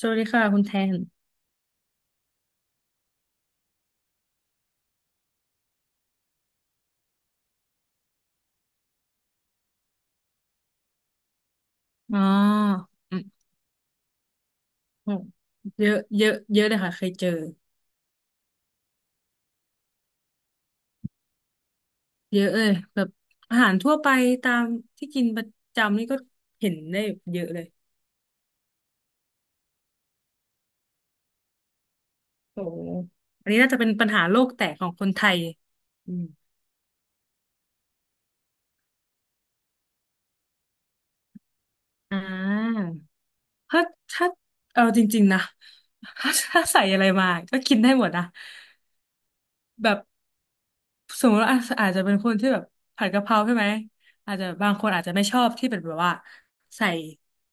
สวัสดีค่ะคุณแทน อ๋ออืมอืมเยอะเยอะ เยอะเลยค่ะเคยเจอ เยอะเลยแบบอาหารทั่วไปตามที่กินประจำนี่ก็เห็นได้เยอะเลย โอ้โหอันนี้น่าจะเป็นปัญหาโลกแตกของคนไทยอืมอ่าถ้าถ้า เอาจริงๆนะ ถ้าใส่อะไรมาก็กินได้หมดนะ แบบ สมมติว่าอาจจะเป็นคนที่แบบผัดกะเพราใช่ไหมอาจจะบางคนอาจจะไม่ชอบที่เป็นแบบว่าใส่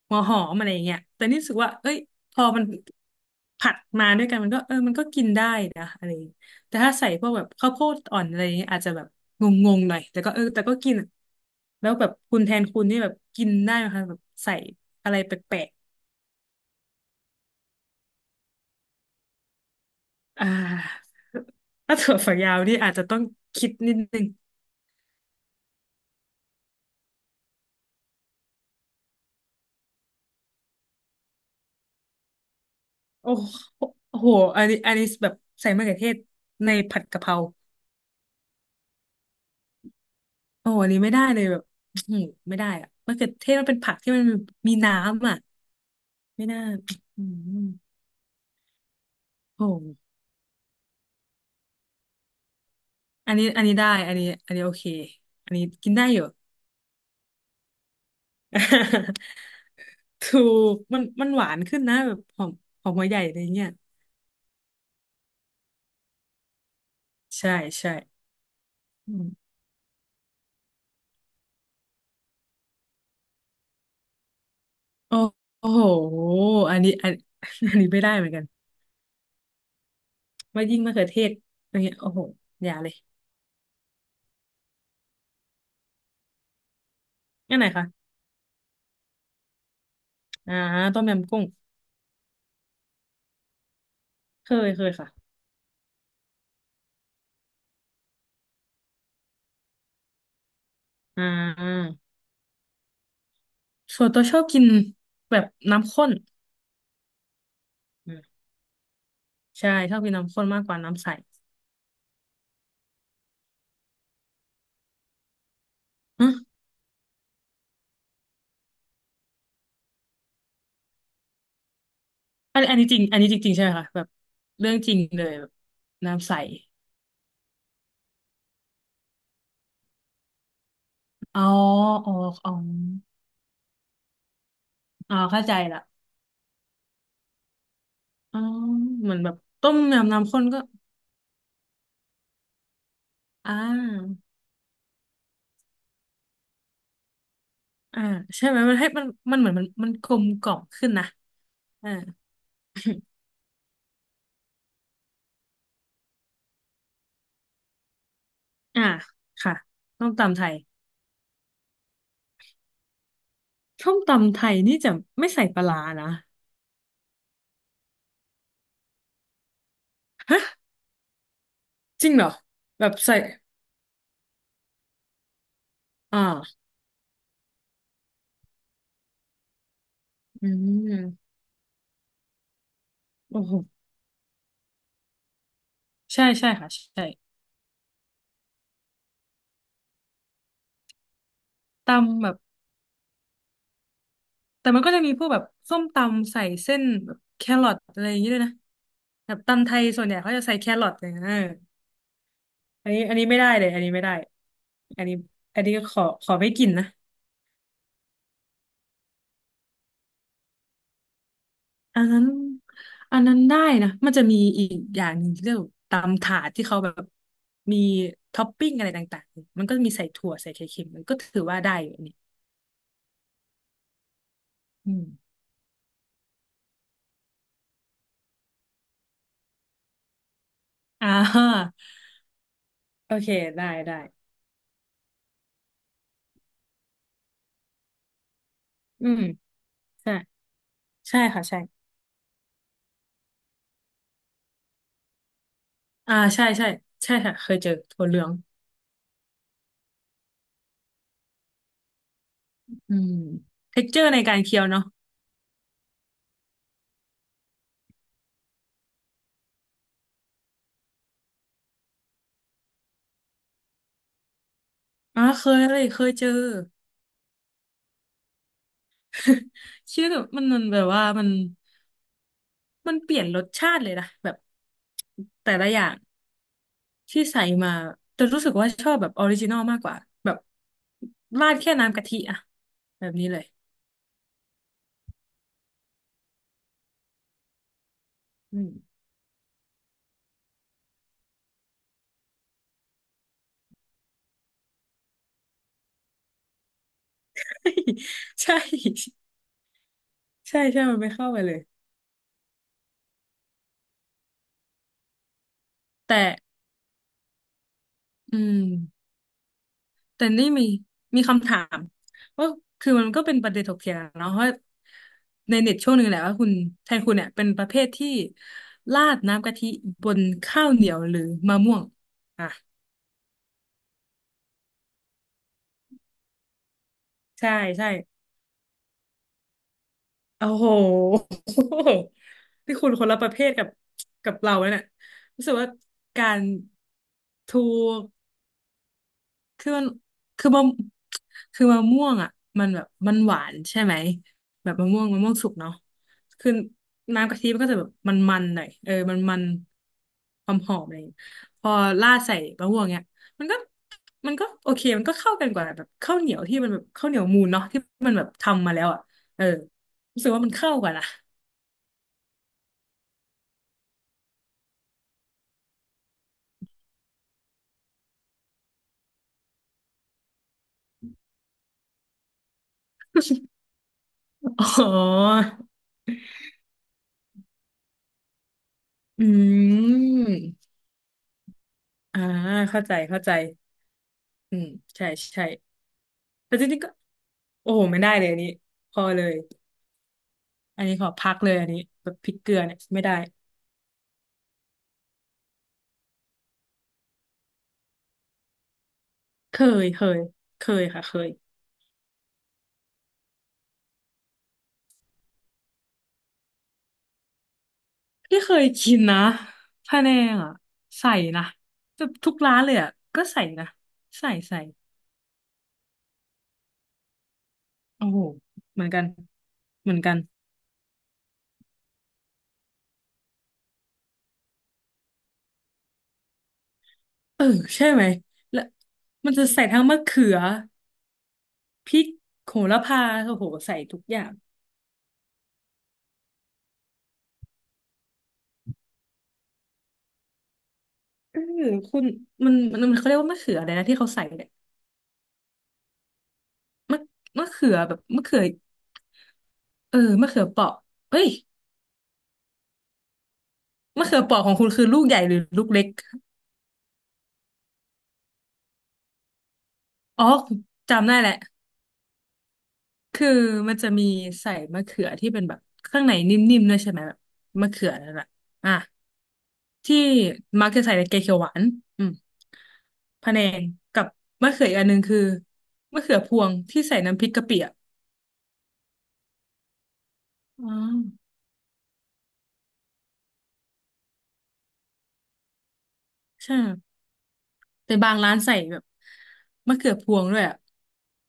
หัวหอมอะไรอย่างเงี้ยแต่นี่รู้สึกว่าเอ้ยพอมันผัดมาด้วยกันมันก็เออมันก็กินได้นะอะไรอย่างเงี้ยแต่ถ้าใส่พวกแบบข้าวโพดอ่อนอะไรอย่างเงี้ยอาจจะแบบงงๆหน่อยแต่ก็เออแต่ก็กินอะแล้วแบบคุณแทนคุณนี่แบบกินได้ไหมคะแบบใส่อะไรแปลกๆถ้าถั่วฝักยาวนี่อาจจะต้องคิดนิดนึง โอ้โหโอ้โหอันนี้แบบใส่มะเขือเทศในผัดกะเพราโอ้โหอันนี้ไม่ได้เลยแบบอื้อหือไม่ได้อะมะเขือเทศมันเป็นผักที่มันมีน้ำอ่ะไม่น่าอืมโอ้โหอันนี้ได้อันนี้โอเคอันนี้กินได้อยู่ ถูกมันมันหวานขึ้นนะแบบหอมหอมหัวใหญ่อะไรเงี้ยใช่ใช่อืมโอ้โอ้โหอันนี้อัน อันนี้ไม่ได้เหมือนกันว่ายิ่งมะเขือเทศอย่างเงี้ยโอ้โหอย่าเลยนันไหนคะ อ่าต้มยำกุ้งเคยค่ะอ่าส่วนตัวชอบกินแบบน้ำข้นอืมใช่ชอบกินน้ำข้นมากกว่าน้ำใสฮะอันนี้จริงอันนี้จริงๆใช่ไหมคะแบบเรื่องจริงเลยแบบน้ำใสอ๋ออ๋ออ๋ออ๋อเข้าใจละอ๋อเหมือนแบบต้มยำน้ำข้นก็อ่าอ่าใช่ไหมมันให้มันมันเหมือนมันกลมกล่อมขึ้นนะอ่า อ่าค่ะส้มตำไทยส้มตำไทยนี่จะไม่ใส่ปลาร้านะ จริงเหรอแบบใส่อ่าอืมโอ้โหใช่ใช่ค่ะใช่ตำแบบแต่มันก็จะมีพวกแบบส้มตำใส่เส้นแบบแครอทอะไรอย่างเงี้ยด้วยนะแบบตำไทยส่วนใหญ่เขาจะใส่แครอทอย่างเงี้ยเอออันนี้ไม่ได้เลยอันนี้ไม่ได้อันนี้อันนี้ขอไม่กินนะอันนั้นอันนั้นได้นะมันจะมีอีกอย่างหนึ่งที่เรียกว่าตำถาดที่เขาแบบมีท็อปปิ้งอะไรต่างๆมันก็มีใส่ถั่วใส่ไข่เค็มมันก็ถือว่าได้อยู่อันนี่อืมอ่า โอเคได้ได้อืมใช่ใช่ค่ะใช่อ่าใช่ใช่ใช่ค่ะเคยเจอถั่วเหลืองอืมเท็กเจอร์ในการเคี้ยวเนาะอ๋อเคยเลยเคยเจอ ชื่อแบบมันมันแบบว่ามันมันเปลี่ยนรสชาติเลยนะแบบแต่ละอย่างที่ใส่มาแต่รู้สึกว่าชอบแบบออริจินอลมากกว่าแบบราดแค่น้ำกะทิอะแบบนี้เลยอืม ใช่ใช่ใช่มันไม่เข้ากันเลยแต่อืม แต่นี่มีมีคำถามว่าคือมันก็เป็นประเด็นถกเถียงเนาะว่าในเน็ตช่วงหนึ่งแหละว่าคุณแทนคุณเนี่ยเป็นประเภทที่ราดน้ำกะทิบนข้าวเหนียวหรือมะม่วงอ่ะใช่ใช่โอ้โหที่คุณคนละประเภทกับกับเราเนี่ยรู้สึกว่าการถูก คือมันคือมะคือมะม่วงอ่ะมันแบบมันหวานใช่ไหมแบบมะม่วงมะม่วงสุกเนาะคือน้ำกะทิมันก็จะแบบมันมันหน่อยเออมันความหอมอะไรอย่างเงี้ยพอราดใส่มะม่วงเนี่ยมันก็มันก็โอเคมันก็เข้ากันกว่าแบบข้าวเหนียวที่มันแบบข้าวเหนียวมูนเนาะที่มันแบบทำมาแล้วอ่ะเออรู้สึกว่ามันเข้ากันอ่ะอ๋ออืมอ่าเข้าใจเข้าใจอืมใช่ใช่ แต่จริงๆก็โอ้โหไม่ได้เลยอันนี้พอเลยอันนี้ขอพักเลยอันนี้แบบพริกเกลือเนี่ยไม่ได้เคยเคยเคยค่ะเคยที่เคยกินนะพะแนงอ่ะใส่นะแบบทุกร้านเลยอ่ะก็ใส่นะใส่โอ้โหเหมือนกันเหมือนกันเออใช่ไหมแล้วมันจะใส่ทั้งมะเขือพริกโหระพาโอ้โหใส่ทุกอย่างเออคุณมันเขาเรียกว่ามะเขืออะไรนะที่เขาใส่เนี่ยมะมะเขือแบบมะเขือ เออมะเขือเปราะเอ้ยมะเขือเปราะของคุณคือลูกใหญ่หรือลูกเล็กอ๋อจำได้แหละคือมันจะมีใส่มะเขือที่เป็นแบบข้างในนิ่มๆด้วยใช่ไหมแบบมะเขือนั่นแหละอ่ะที่มักจะใส่ในแกงเขียวหวานอืมพะแนงกับมะเขืออีกอันหนึ่งคือมะเขือพวงที่ใส่น้ำพริกกะปิอ่ะอ๋อใช่แต่บางร้านใส่แบบมะเขือพวงด้วยอ่ะ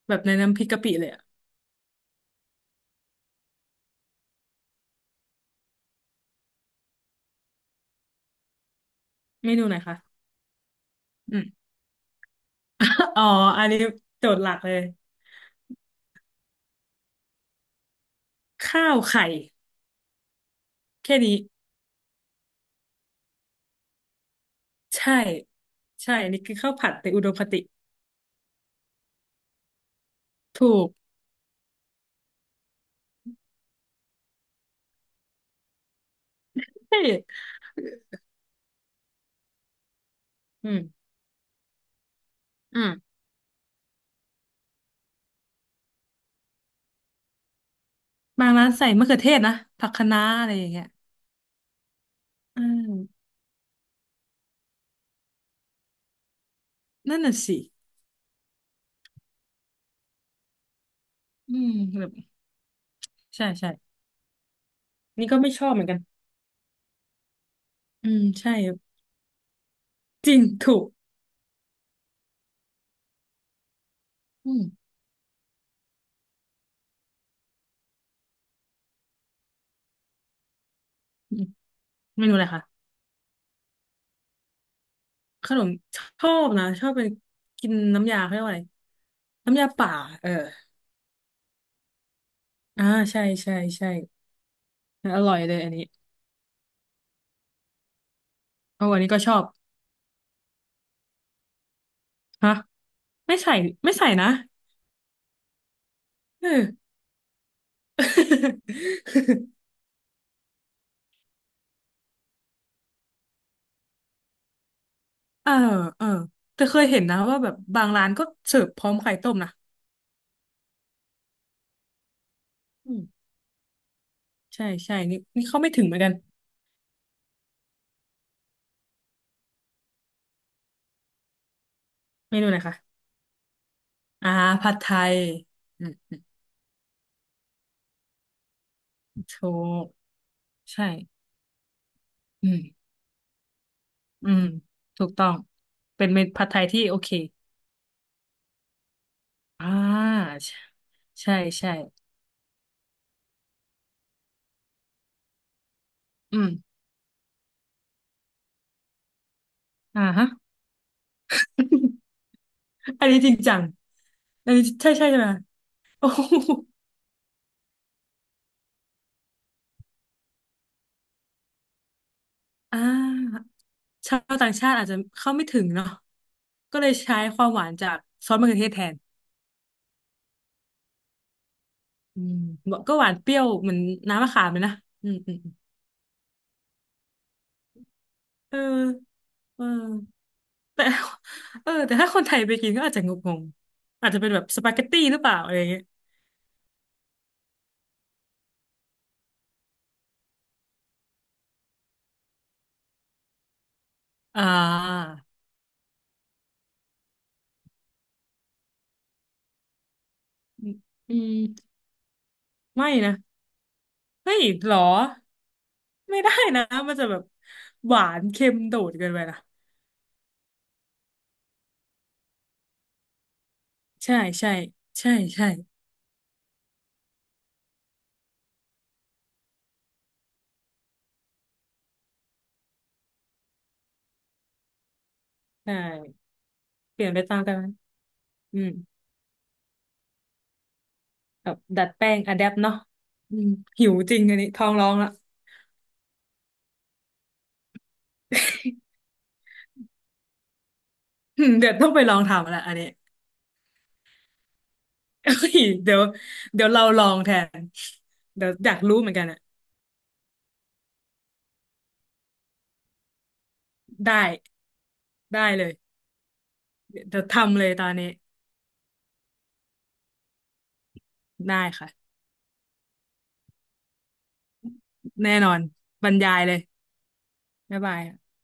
แบบในน้ำพริกกะปิเลยอ่ะเมนูไหนคะ อ๋ออันนี้โจทย์หลักเลยข้าวไข่แค่นี้ใช่ใช่อันนี้คือข้าวผัดในอุดมคติถูกใช่อืมอืมบางร้านใส่มะเขือเทศนะผักคะน้าอะไรอย่างเงี้ยอืมนั่นน่ะสิอืมแบบใช่ใช่นี่ก็ไม่ชอบเหมือนกันอืมใช่จริงถูกอืมอืมเมนูอะไรคะขนมชอบนะชอบเป็นกินน้ำยาเขาเรียกว่าอะไรน้ำยาป่าเอออ่าใช่ใช่ใช่อร่อยเลยอันนี้โอ้อันนี้ก็ชอบ ฮะไม่ใส่ไม่ใส่นะเออ เออเออแต่เคยเห็นนะว่าแบบบางร้านก็เสิร์ฟพร้อมไข่ต้มนะอืมใช่ใช่นี่นี่เข้าไม่ถึงเหมือนกันเมนูไหนคะอ่าผัดไทยอืมอืมถูกใช่อืมอืมถูกต้องเป็นเมนูผัดไทยที่โอเคอ่าใช่ใช่อืมอ่าฮะ อันนี้จริงจังอันนี้ใช่ใช่ใช่ไหมโอ้โหอ่า ชาวต่างชาติอาจจะเข้าไม่ถึงเนาะก็เลยใช้ความหวานจากซอสมะเขือเทศแทนอืมบอกก็หวานเปรี้ยวเหมือนน้ำมะขามเลยนะอืมอืมอืมเออเออแต่ เออแต่ถ้าคนไทยไปกินก็อาจจะงงๆอาจจะเป็นแบบสปาเกตตี้หรือเปล่าอะไรอย่างเงี้ยอ่าอืมอืมไม่นะเฮ้ยหรอไม่ได้นะมันจะแบบหวานเค็มโดดเกินไปนะใช่ใช่ใช่ใช่ใช่เปลี่ยนไปตามกันไหมอืม แบบดัดแป้งอะแดปเนาะอืมหิวจริงอันนี้ท้องร้องละ อืมเดี๋ยวต้องไปลองทำละอันนี้ เฮ้ยเดี๋ยวเดี๋ยวเราลองแทนเดี๋ยวอยากรู้เหมือนกันอะได้ได้เลยเดี๋ยวทำเลยตอนนี้ได้ค่ะแน่นอนบรรยายเลยบ๊ายบาย